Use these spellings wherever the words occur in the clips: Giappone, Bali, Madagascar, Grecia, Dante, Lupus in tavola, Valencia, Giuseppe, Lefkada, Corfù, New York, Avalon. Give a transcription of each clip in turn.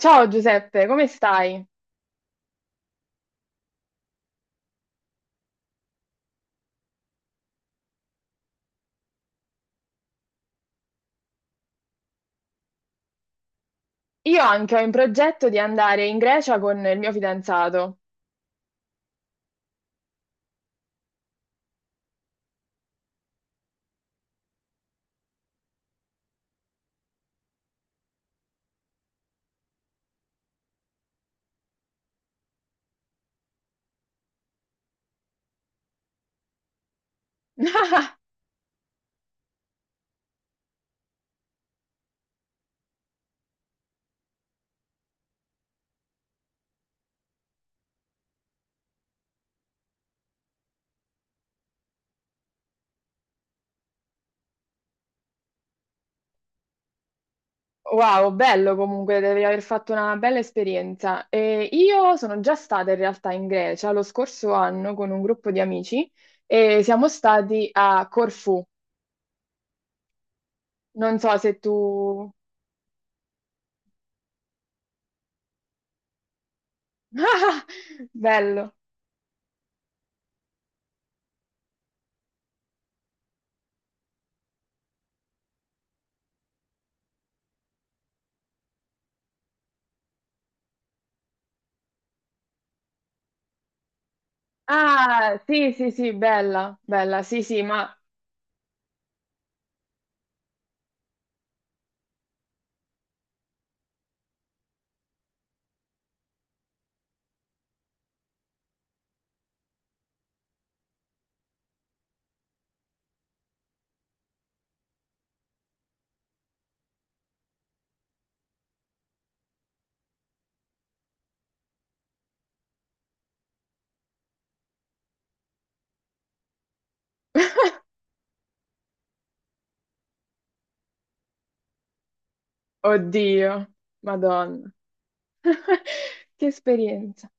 Ciao Giuseppe, come stai? Io anche ho in progetto di andare in Grecia con il mio fidanzato. Wow, bello comunque, devi aver fatto una bella esperienza. E io sono già stata in realtà in Grecia lo scorso anno con un gruppo di amici e siamo stati a Corfù. Non so se tu. Bello. Ah, sì, sì, sì, bella, bella, sì, sì, ma. Oddio, Madonna. Che esperienza.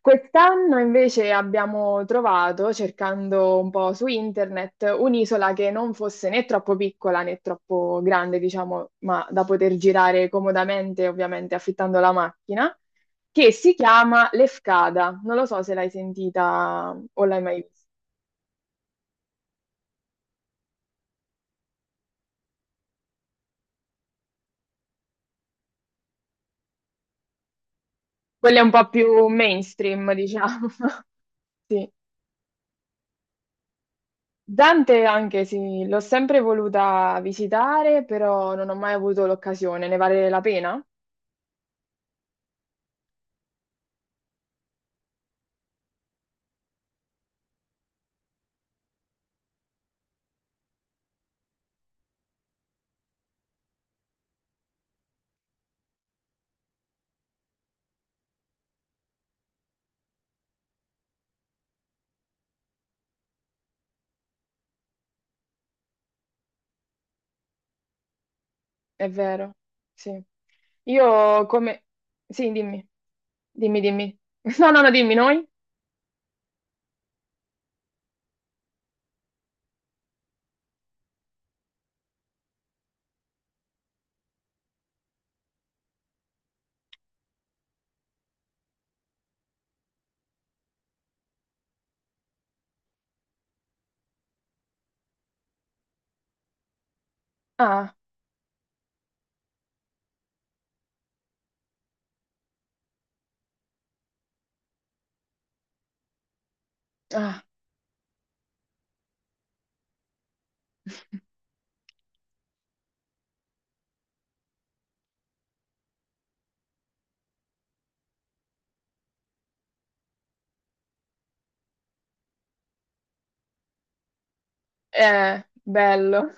Quest'anno invece abbiamo trovato, cercando un po' su internet, un'isola che non fosse né troppo piccola né troppo grande, diciamo, ma da poter girare comodamente, ovviamente affittando la macchina, che si chiama Lefkada. Non lo so se l'hai sentita o l'hai mai vista. Quella è un po' più mainstream, diciamo. Sì. Dante anche sì, l'ho sempre voluta visitare, però non ho mai avuto l'occasione. Ne vale la pena? È vero, sì. Io come. Sì, dimmi, dimmi, dimmi. No, no, no, dimmi noi. Ah, ah. Bello.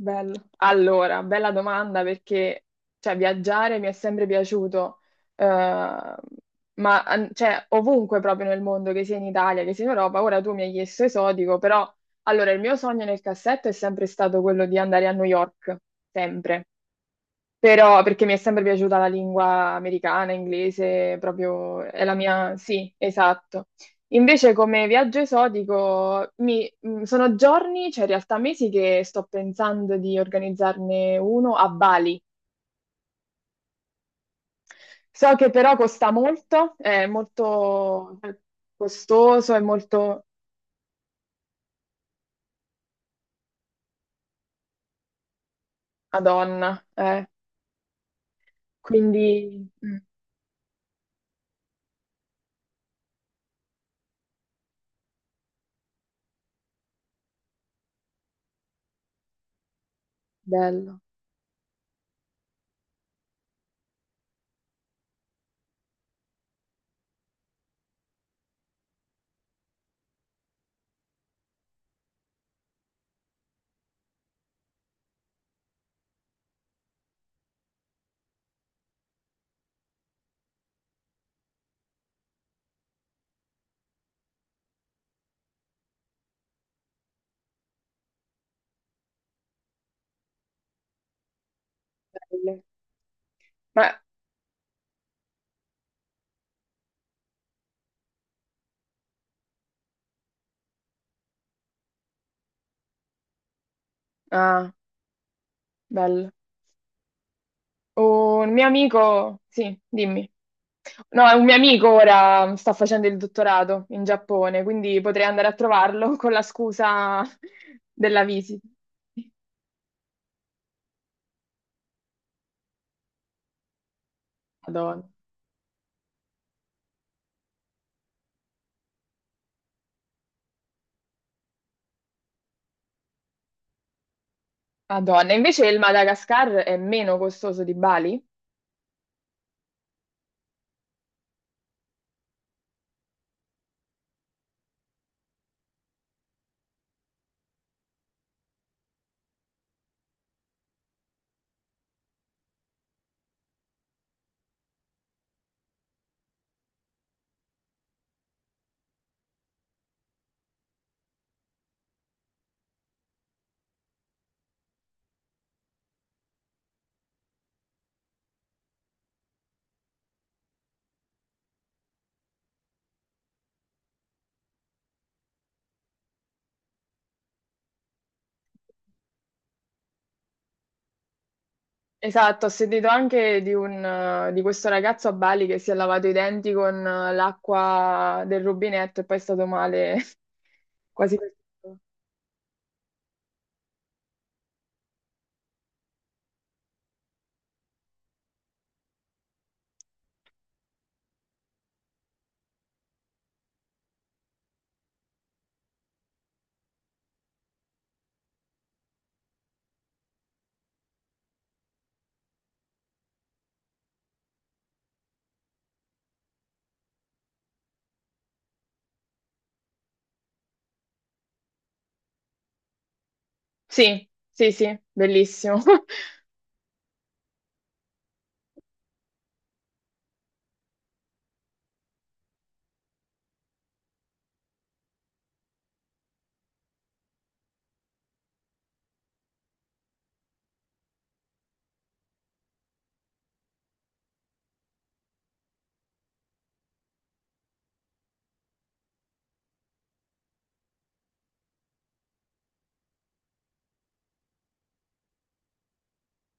Bello. Allora, bella domanda perché cioè, viaggiare mi è sempre piaciuto, cioè, ovunque proprio nel mondo, che sia in Italia, che sia in Europa, ora tu mi hai chiesto esotico, però allora il mio sogno nel cassetto è sempre stato quello di andare a New York, sempre. Però perché mi è sempre piaciuta la lingua americana, inglese, proprio è la mia. Sì, esatto. Invece come viaggio esotico, sono giorni, cioè in realtà mesi che sto pensando di organizzarne uno a Bali. So che però costa molto, è molto costoso, è molto. Madonna, eh. Quindi... mm, Bello, bello. Ma- ah, bello. Un mio amico. Sì, dimmi. No, è un mio amico ora sta facendo il dottorato in Giappone, quindi potrei andare a trovarlo con la scusa della visita. Madonna. Madonna. Invece il Madagascar è meno costoso di Bali? Esatto, ho sentito anche di questo ragazzo a Bali che si è lavato i denti con l'acqua del rubinetto e poi è stato male quasi per tutto. Sì, sì, sì, bellissimo.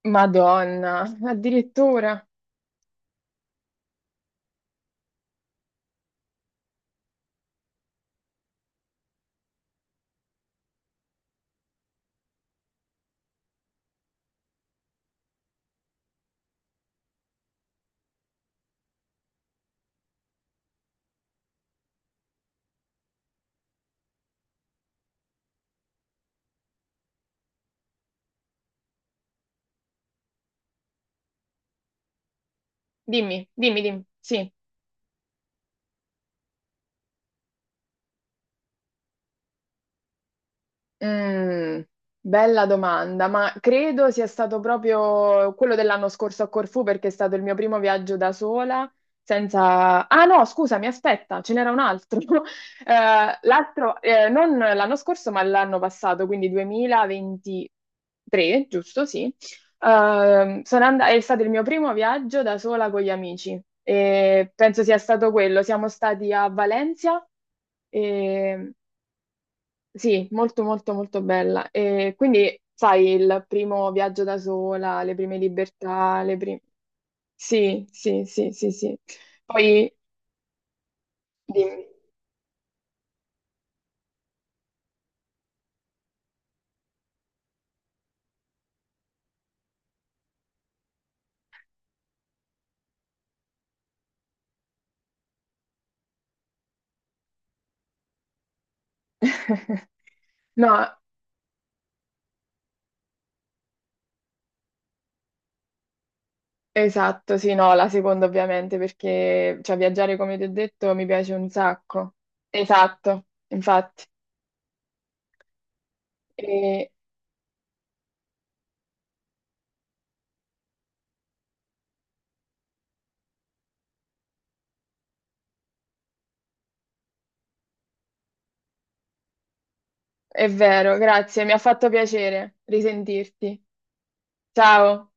Madonna, addirittura. Dimmi, dimmi, dimmi. Sì. Mm, Bella domanda, ma credo sia stato proprio quello dell'anno scorso a Corfù perché è stato il mio primo viaggio da sola. Senza... Ah no, scusami, aspetta, ce n'era un altro. L'altro, non l'anno scorso, ma l'anno passato, quindi 2023, giusto? Sì. È stato il mio primo viaggio da sola con gli amici e penso sia stato quello. Siamo stati a Valencia. E sì, molto molto molto bella. E quindi, sai, il primo viaggio da sola, le prime libertà, le prime. Sì, sì, sì, sì, sì. Poi, dimmi. No, esatto, sì, no, la seconda ovviamente, perché cioè, viaggiare, come ti ho detto, mi piace un sacco. Esatto, infatti. E- è vero, grazie, mi ha fatto piacere risentirti. Ciao.